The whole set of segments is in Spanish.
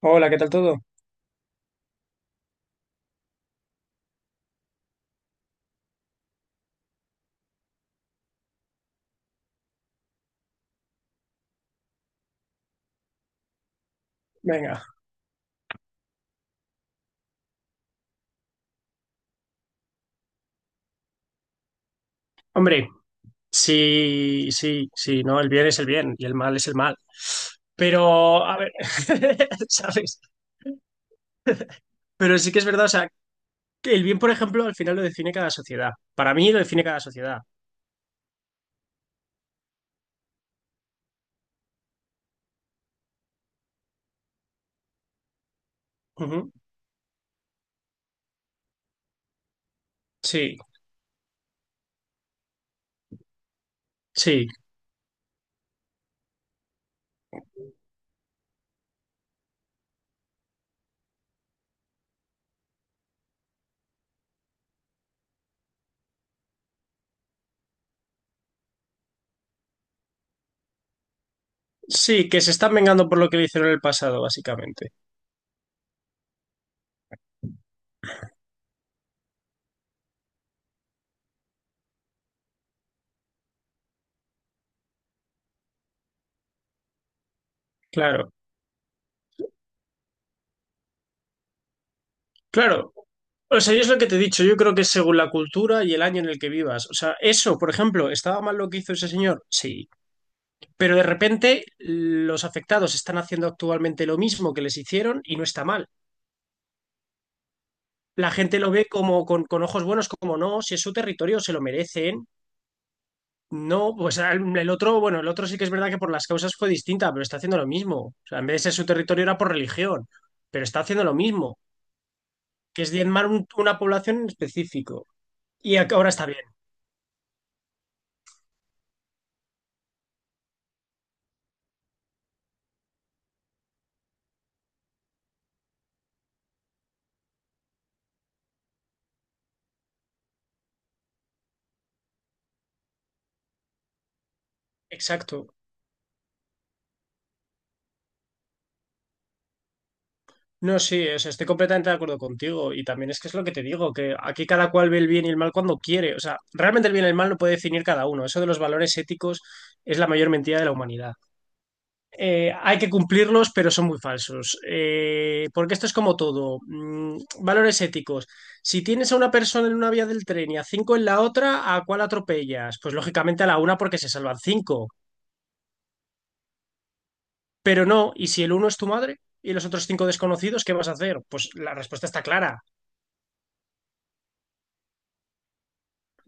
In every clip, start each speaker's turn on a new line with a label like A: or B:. A: Hola, ¿qué tal todo? Venga. Hombre, sí, sí, sí, ¿no? El bien es el bien y el mal es el mal. Pero, a ver, ¿sabes? Pero sí que es verdad, o sea, que el bien, por ejemplo, al final lo define cada sociedad. Para mí lo define cada sociedad. Ujú. Sí, sí, sí, que se están vengando por lo que le hicieron en el pasado, básicamente. Claro, claro. O sea, yo es lo que te he dicho, yo creo que es según la cultura y el año en el que vivas. O sea, eso, por ejemplo, ¿estaba mal lo que hizo ese señor? Sí. Pero de repente los afectados están haciendo actualmente lo mismo que les hicieron y no está mal. La gente lo ve como con ojos buenos, como no, si es su territorio, se lo merecen. No, pues el otro, bueno, el otro sí que es verdad que por las causas fue distinta, pero está haciendo lo mismo. O sea, en vez de ser su territorio era por religión, pero está haciendo lo mismo, que es diezmar una población en específico. Y ahora está bien, exacto. No, sí, o sea, estoy completamente de acuerdo contigo. Y también es que es lo que te digo, que aquí cada cual ve el bien y el mal cuando quiere. O sea, realmente el bien y el mal lo puede definir cada uno. Eso de los valores éticos es la mayor mentira de la humanidad. Hay que cumplirlos, pero son muy falsos. Porque esto es como todo. Valores éticos. Si tienes a una persona en una vía del tren y a cinco en la otra, ¿a cuál atropellas? Pues lógicamente a la una porque se salvan cinco. Pero no, ¿y si el uno es tu madre? ¿Y los otros cinco desconocidos, qué vas a hacer? Pues la respuesta está clara.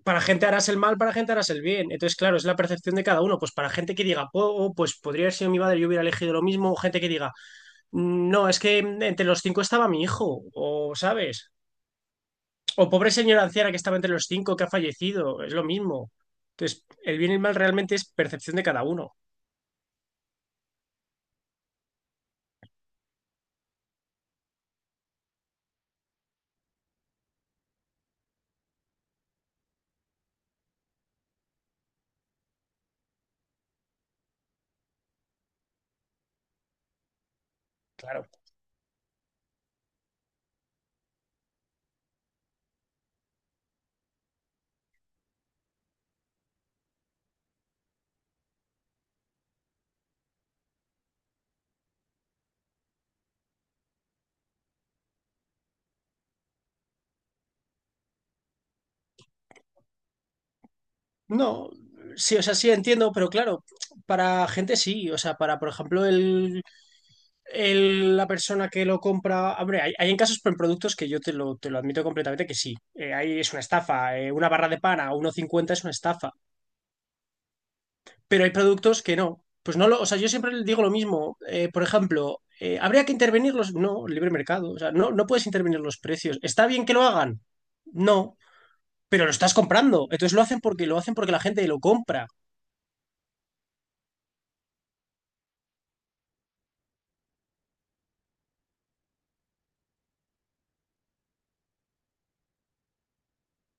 A: Para gente harás el mal, para gente harás el bien. Entonces, claro, es la percepción de cada uno. Pues para gente que diga, oh, oh, pues podría haber sido mi madre, yo hubiera elegido lo mismo. O gente que diga, no, es que entre los cinco estaba mi hijo, o sabes. O pobre señora anciana que estaba entre los cinco que ha fallecido, es lo mismo. Entonces, el bien y el mal realmente es percepción de cada uno, claro. No, sí, o sea, sí entiendo, pero claro, para gente sí. O sea, para, por ejemplo, la persona que lo compra. Hombre, hay en casos con productos que yo te lo admito completamente que sí. Ahí es una estafa. Una barra de pan a 1,50 es una estafa. Pero hay productos que no. Pues no lo. O sea, yo siempre le digo lo mismo. Por ejemplo, habría que intervenir los. No, libre mercado. O sea, no, no puedes intervenir los precios. ¿Está bien que lo hagan? No. Pero lo estás comprando. Entonces lo hacen porque la gente lo compra.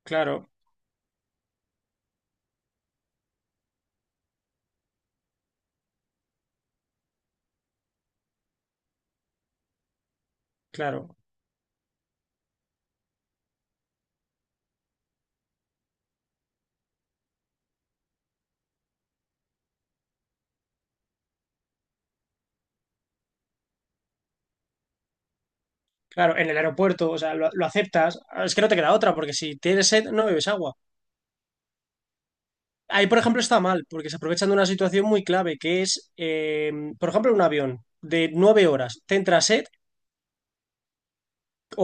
A: Claro, claro. Claro, en el aeropuerto, o sea, lo aceptas. Es que no te queda otra, porque si tienes sed, no bebes agua. Ahí, por ejemplo, está mal, porque se aprovechan de una situación muy clave, que es, por ejemplo, un avión de 9 horas. Te entra sed,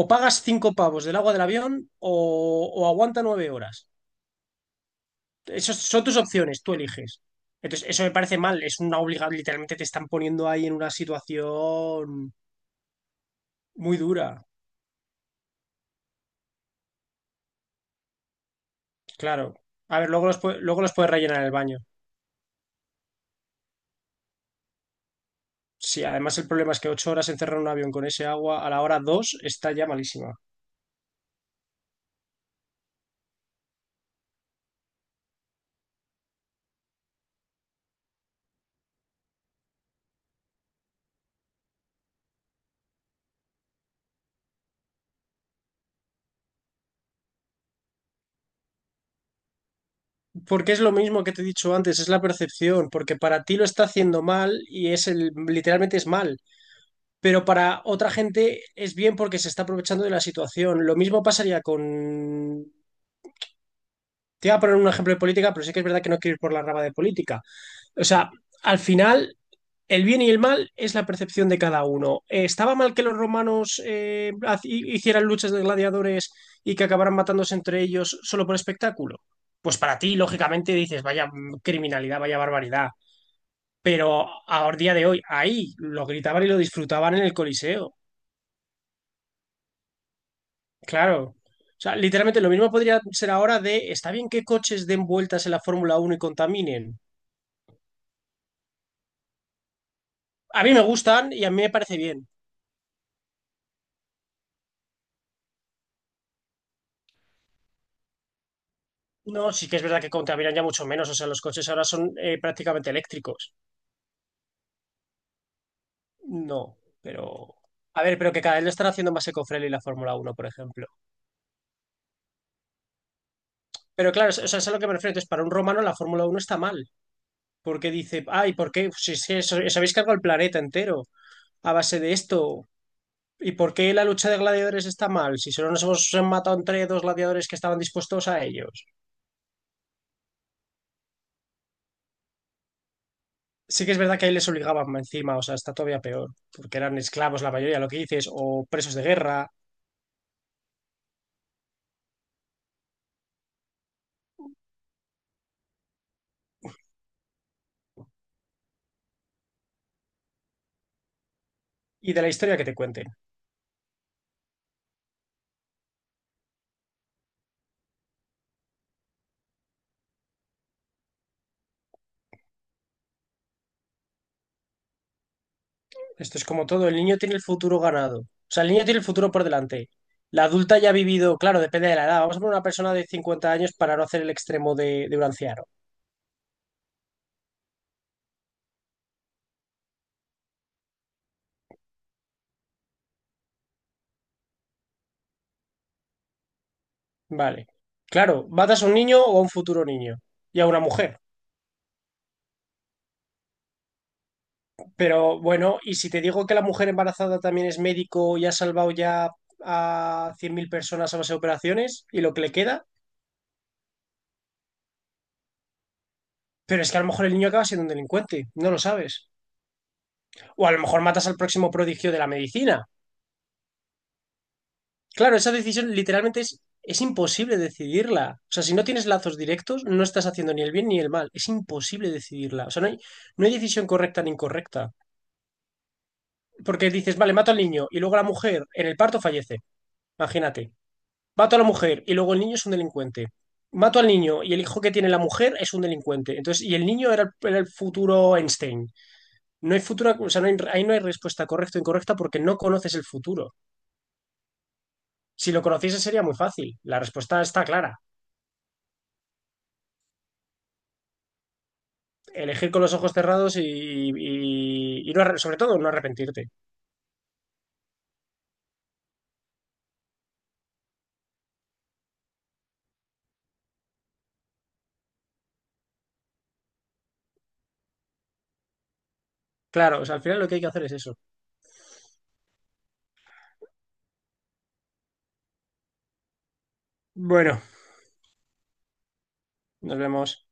A: o pagas 5 pavos del agua del avión, o, o aguanta 9 horas. Esas son tus opciones, tú eliges. Entonces, eso me parece mal, es una obligación, literalmente te están poniendo ahí en una situación muy dura. Claro. A ver, luego los puedes rellenar en el baño. Sí, además el problema es que 8 horas encerrar un avión con ese agua a la hora dos está ya malísima. Porque es lo mismo que te he dicho antes, es la percepción, porque para ti lo está haciendo mal y es el, literalmente es mal, pero para otra gente es bien porque se está aprovechando de la situación. Lo mismo pasaría con... Te iba a poner un ejemplo de política, pero sí que es verdad que no quiero ir por la rama de política. O sea, al final el bien y el mal es la percepción de cada uno. ¿Estaba mal que los romanos hicieran luchas de gladiadores y que acabaran matándose entre ellos solo por espectáculo? Pues para ti, lógicamente, dices, vaya criminalidad, vaya barbaridad. Pero a día de hoy, ahí lo gritaban y lo disfrutaban en el Coliseo. Claro. O sea, literalmente lo mismo podría ser ahora de, está bien que coches den vueltas en la Fórmula Uno y contaminen. A mí me gustan y a mí me parece bien. No, sí que es verdad que contaminan ya mucho menos. O sea, los coches ahora son prácticamente eléctricos. No, pero. A ver, pero que cada vez lo están haciendo más ecofriendly la Fórmula Uno por ejemplo. Pero claro, o sea, eso es a lo que me refiero. Entonces, para un romano la Fórmula Uno está mal. Porque dice, ay, ¿por qué? Si es que os habéis cargado el planeta entero a base de esto. ¿Y por qué la lucha de gladiadores está mal? Si solo nos hemos matado entre dos gladiadores que estaban dispuestos a ellos. Sí que es verdad que ahí les obligaban encima, o sea, está todavía peor. Porque eran esclavos la mayoría, lo que dices, o presos de guerra y de la historia que te cuenten. Esto es como todo, el niño tiene el futuro ganado. O sea, el niño tiene el futuro por delante. La adulta ya ha vivido, claro, depende de la edad. Vamos a poner una persona de 50 años para no hacer el extremo de un anciano. Vale. Claro, matas a un niño o a un futuro niño y a una mujer. Pero bueno, y si te digo que la mujer embarazada también es médico y ha salvado ya a 100.000 personas a base de operaciones y lo que le queda, pero es que a lo mejor el niño acaba siendo un delincuente, no lo sabes. O a lo mejor matas al próximo prodigio de la medicina. Claro, esa decisión literalmente es imposible decidirla. O sea, si no tienes lazos directos, no estás haciendo ni el bien ni el mal. Es imposible decidirla. O sea, no hay decisión correcta ni incorrecta. Porque dices, vale, mato al niño y luego la mujer en el parto fallece. Imagínate. Mato a la mujer y luego el niño es un delincuente. Mato al niño y el hijo que tiene la mujer es un delincuente. Entonces, y el niño era el futuro Einstein. No hay futuro, o sea, ahí no hay respuesta correcta o incorrecta porque no conoces el futuro. Si lo conociese sería muy fácil. La respuesta está clara. Elegir con los ojos cerrados y, y sobre todo no arrepentirte. Claro, o sea, al final lo que hay que hacer es eso. Bueno, nos vemos.